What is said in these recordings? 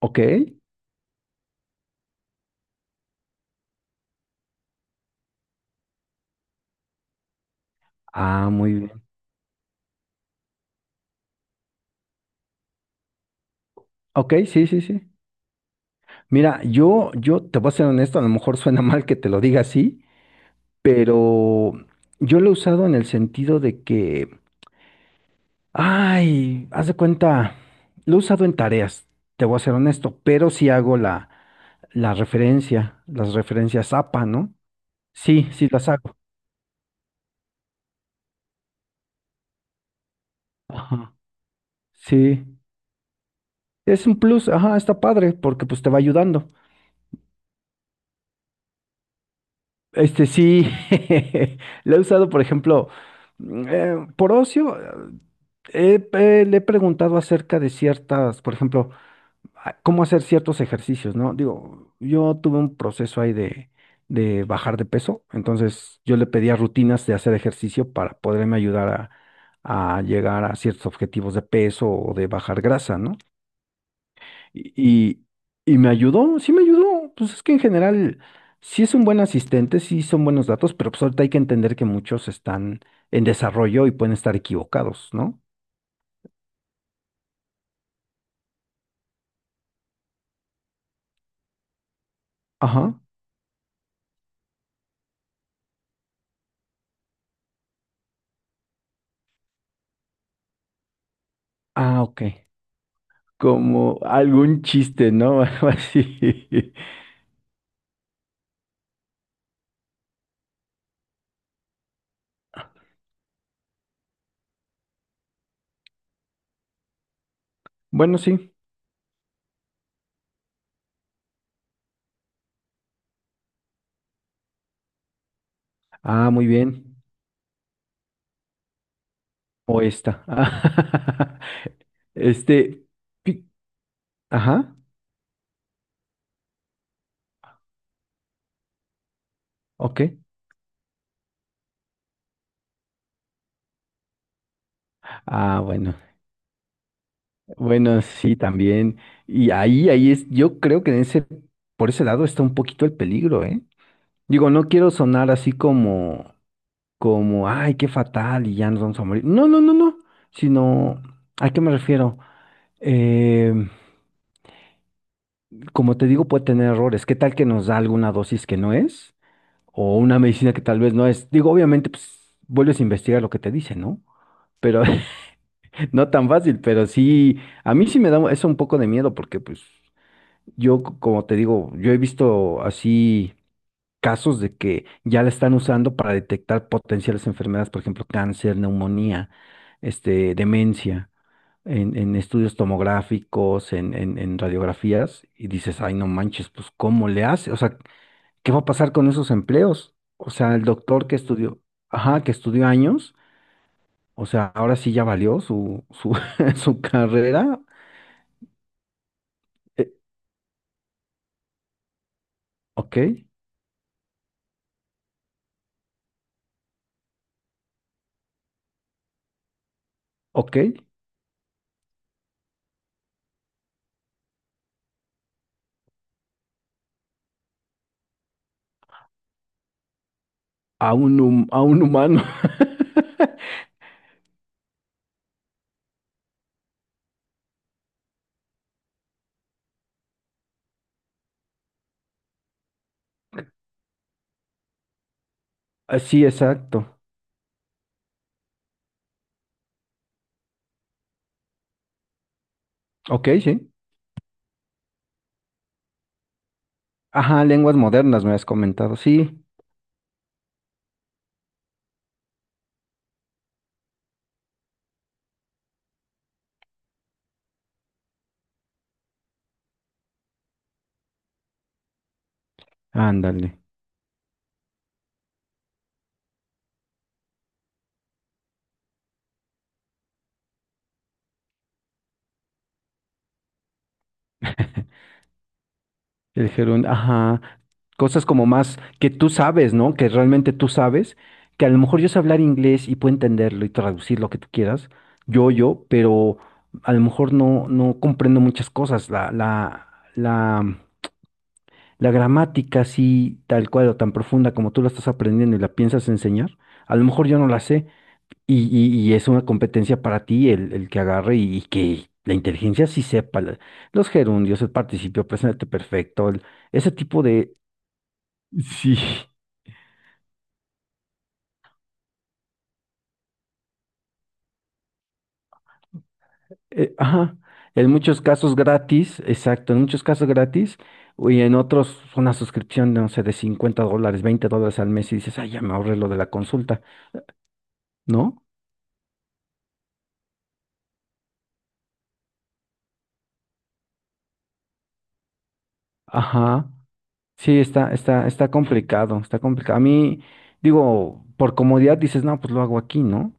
Ok. Ah, muy bien. Ok, sí, sí, sí. Mira, yo te voy a ser honesto, a lo mejor suena mal que te lo diga así, pero yo lo he usado en el sentido de que, ay, haz de cuenta, lo he usado en tareas, te voy a ser honesto, pero sí hago la referencia, las referencias APA, ¿no? Sí, sí las hago. Ajá. Sí. Es un plus, ajá, está padre, porque pues te va ayudando. Este sí, lo he usado, por ejemplo, por ocio, eh, le he preguntado acerca de ciertas, por ejemplo, cómo hacer ciertos ejercicios, ¿no? Digo, yo tuve un proceso ahí de bajar de peso, entonces yo le pedía rutinas de hacer ejercicio para poderme ayudar a llegar a ciertos objetivos de peso o de bajar grasa, ¿no? Y, y- y me ayudó, sí me ayudó. Pues es que en general sí es un buen asistente, sí son buenos datos, pero pues ahorita hay que entender que muchos están en desarrollo y pueden estar equivocados, ¿no? Ajá. Ah, ok. Como algún chiste, ¿no? Algo así. Bueno, sí. Ah, muy bien. O esta. Este. pi- Ajá. Ok. Ah, bueno. Bueno, sí, también. Y ahí, ahí es, yo creo que en ese, por ese lado está un poquito el peligro, ¿eh? Digo, no quiero sonar así como, como, ay, qué fatal y ya nos vamos a morir. No, no, no, no. Sino, ¿a qué me refiero? Eh, Como te digo, puede tener errores. ¿Qué tal que nos da alguna dosis que no es? O una medicina que tal vez no es. Digo, obviamente, pues, vuelves a investigar lo que te dice, ¿no? Pero no tan fácil, pero sí, a mí sí me da eso un poco de miedo porque, pues. Yo, como te digo, yo he visto así casos de que ya la están usando para detectar potenciales enfermedades, por ejemplo, cáncer, neumonía, este, demencia, en estudios tomográficos, en radiografías, y dices, ay, no manches, pues, ¿cómo le hace? O sea, ¿qué va a pasar con esos empleos? O sea, el doctor que estudió, ajá, que estudió años, o sea, ahora sí ya valió su carrera. Eh, ok, ok. A un, a un humano. Ah, sí, exacto. Ok, sí. Ajá, lenguas modernas me has comentado. Sí, ándale. El gerundio, ajá. Cosas como más que tú sabes, ¿no? Que realmente tú sabes. Que a lo mejor yo sé hablar inglés y puedo entenderlo y traducir lo que tú quieras. Pero a lo mejor no, no comprendo muchas cosas. La, la gramática, así, tal cual o tan profunda como tú la estás aprendiendo y la piensas enseñar. A lo mejor yo no la sé. Y es una competencia para ti el que agarre y que la inteligencia sí sepa los gerundios, el participio presente perfecto, ese tipo de... Sí, ajá. En muchos casos gratis, exacto, en muchos casos gratis, y en otros una suscripción, no sé, de $50, $20 al mes y dices, ay, ya me ahorré lo de la consulta, ¿no? Ajá. Sí, está complicado, está complicado. A mí, digo, por comodidad dices, no, pues lo hago aquí, ¿no?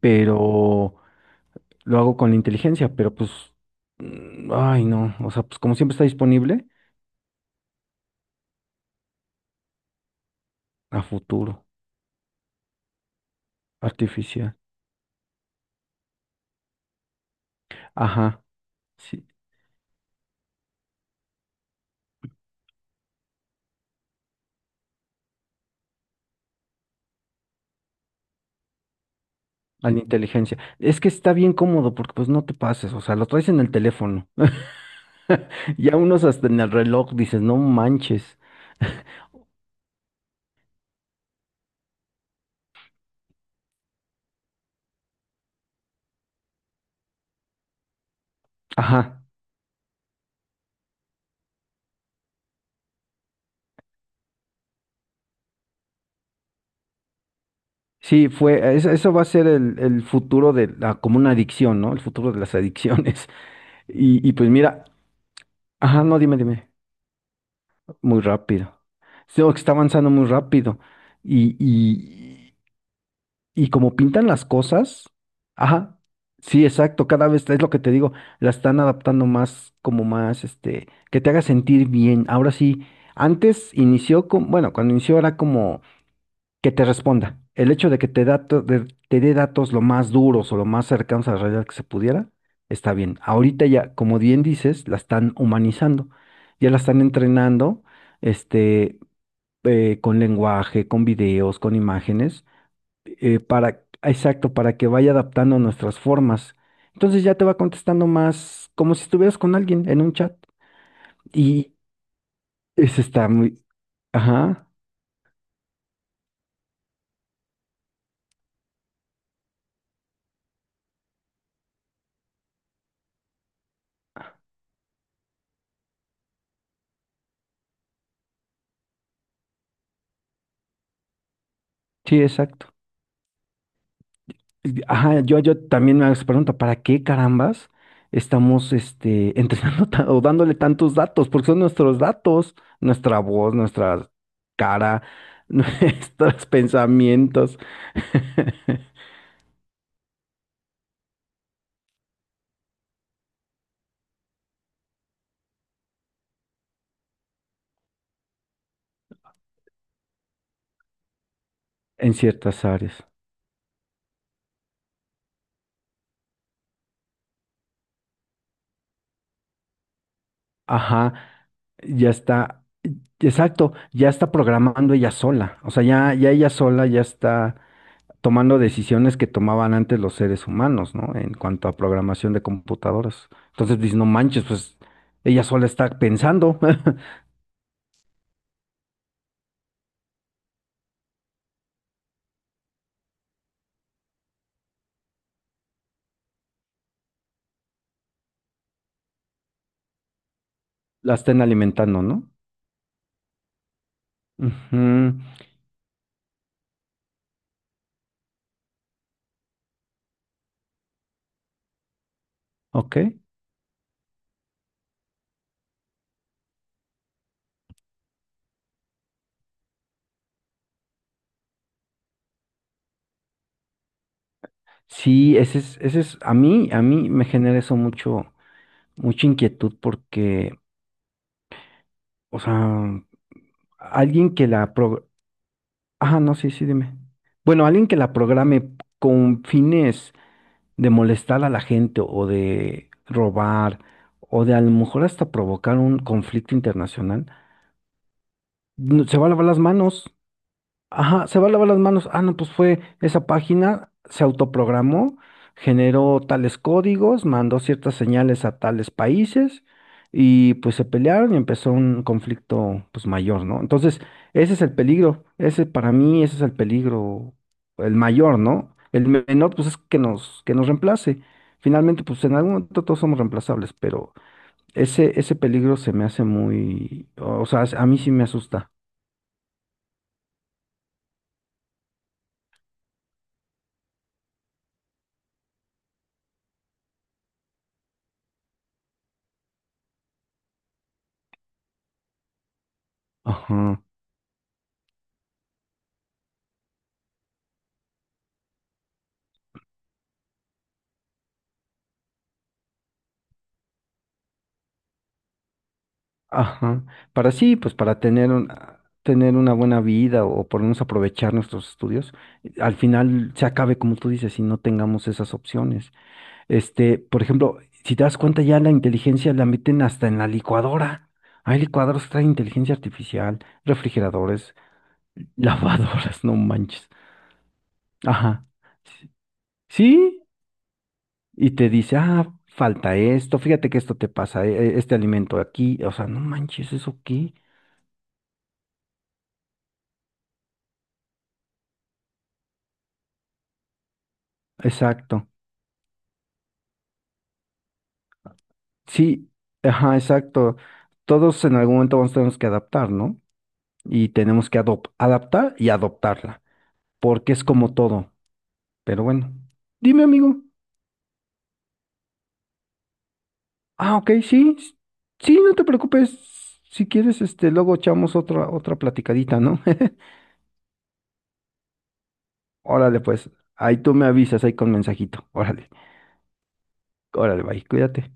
Pero lo hago con la inteligencia, pero pues, ay no, o sea, pues como siempre está disponible, a futuro, artificial, ajá, sí, a la inteligencia. Es que está bien cómodo porque pues no te pases, o sea, lo traes en el teléfono, ya unos hasta en el reloj dices, no manches, ajá, sí, fue, eso va a ser el futuro de la, como una adicción, ¿no? El futuro de las adicciones. Y, y pues mira, ajá, no, dime, dime, muy rápido. Sí, que está avanzando muy rápido. Y, y como pintan las cosas, ajá, sí, exacto, cada vez es lo que te digo, la están adaptando más, como más, este, que te haga sentir bien. Ahora sí, antes inició con, bueno, cuando inició era como que te responda. El hecho de que te te dé datos lo más duros o lo más cercanos a la realidad que se pudiera, está bien. Ahorita ya, como bien dices, la están humanizando, ya la están entrenando, este, con lenguaje, con videos, con imágenes para, exacto, para que vaya adaptando nuestras formas. Entonces ya te va contestando más como si estuvieras con alguien en un chat. Y eso está muy, ajá, sí, exacto. Y, ajá, yo también me hago esa pregunta, ¿para qué carambas estamos este, entrenando ta- o dándole tantos datos? Porque son nuestros datos, nuestra voz, nuestra cara, nuestros pensamientos en ciertas áreas. Ajá, ya está. Exacto, ya está programando ella sola, o sea, ya, ya ella sola ya está tomando decisiones que tomaban antes los seres humanos, ¿no? En cuanto a programación de computadoras. Entonces dices, no manches, pues ella sola está pensando, la estén alimentando, ¿no? Ujú, ok, sí, a mí me genera eso mucho, mucha inquietud porque, o sea, alguien que la pro... Ah, no, sí, sí, dime. Bueno, alguien que la programe con fines de molestar a la gente o de robar o de a lo mejor hasta provocar un conflicto internacional, se va a lavar las manos. Ajá, se va a lavar las manos. Ah, no, pues fue esa página, se autoprogramó, generó tales códigos, mandó ciertas señales a tales países y pues se pelearon y empezó un conflicto pues mayor, ¿no? Entonces, ese es el peligro, ese para mí, ese es el peligro, el mayor, ¿no? El menor pues es que nos reemplace. Finalmente, pues en algún momento todos somos reemplazables, pero ese peligro se me hace muy, o sea, a mí sí me asusta. Ajá. Ajá. Para sí, pues para tener tener una buena vida o por lo menos aprovechar nuestros estudios, al final se acabe, como tú dices, si no tengamos esas opciones. Este, por ejemplo, si te das cuenta, ya la inteligencia la meten hasta en la licuadora. Hay licuadoras que traen inteligencia artificial, refrigeradores, lavadoras, no manches. Ajá. Sí, sí, y te dice, ah, falta esto, fíjate que esto te pasa, este alimento aquí, o sea, no manches, ¿eso qué? Exacto. Sí, ajá, exacto. Todos en algún momento vamos a tener que adaptar, ¿no? Y tenemos que adaptar y adoptarla, porque es como todo. Pero bueno, dime, amigo. Ah, ok, sí, sí, no te preocupes. Si quieres, este, luego echamos otra platicadita, ¿no? Órale, pues, ahí tú me avisas ahí con mensajito. Órale, órale, bye, cuídate.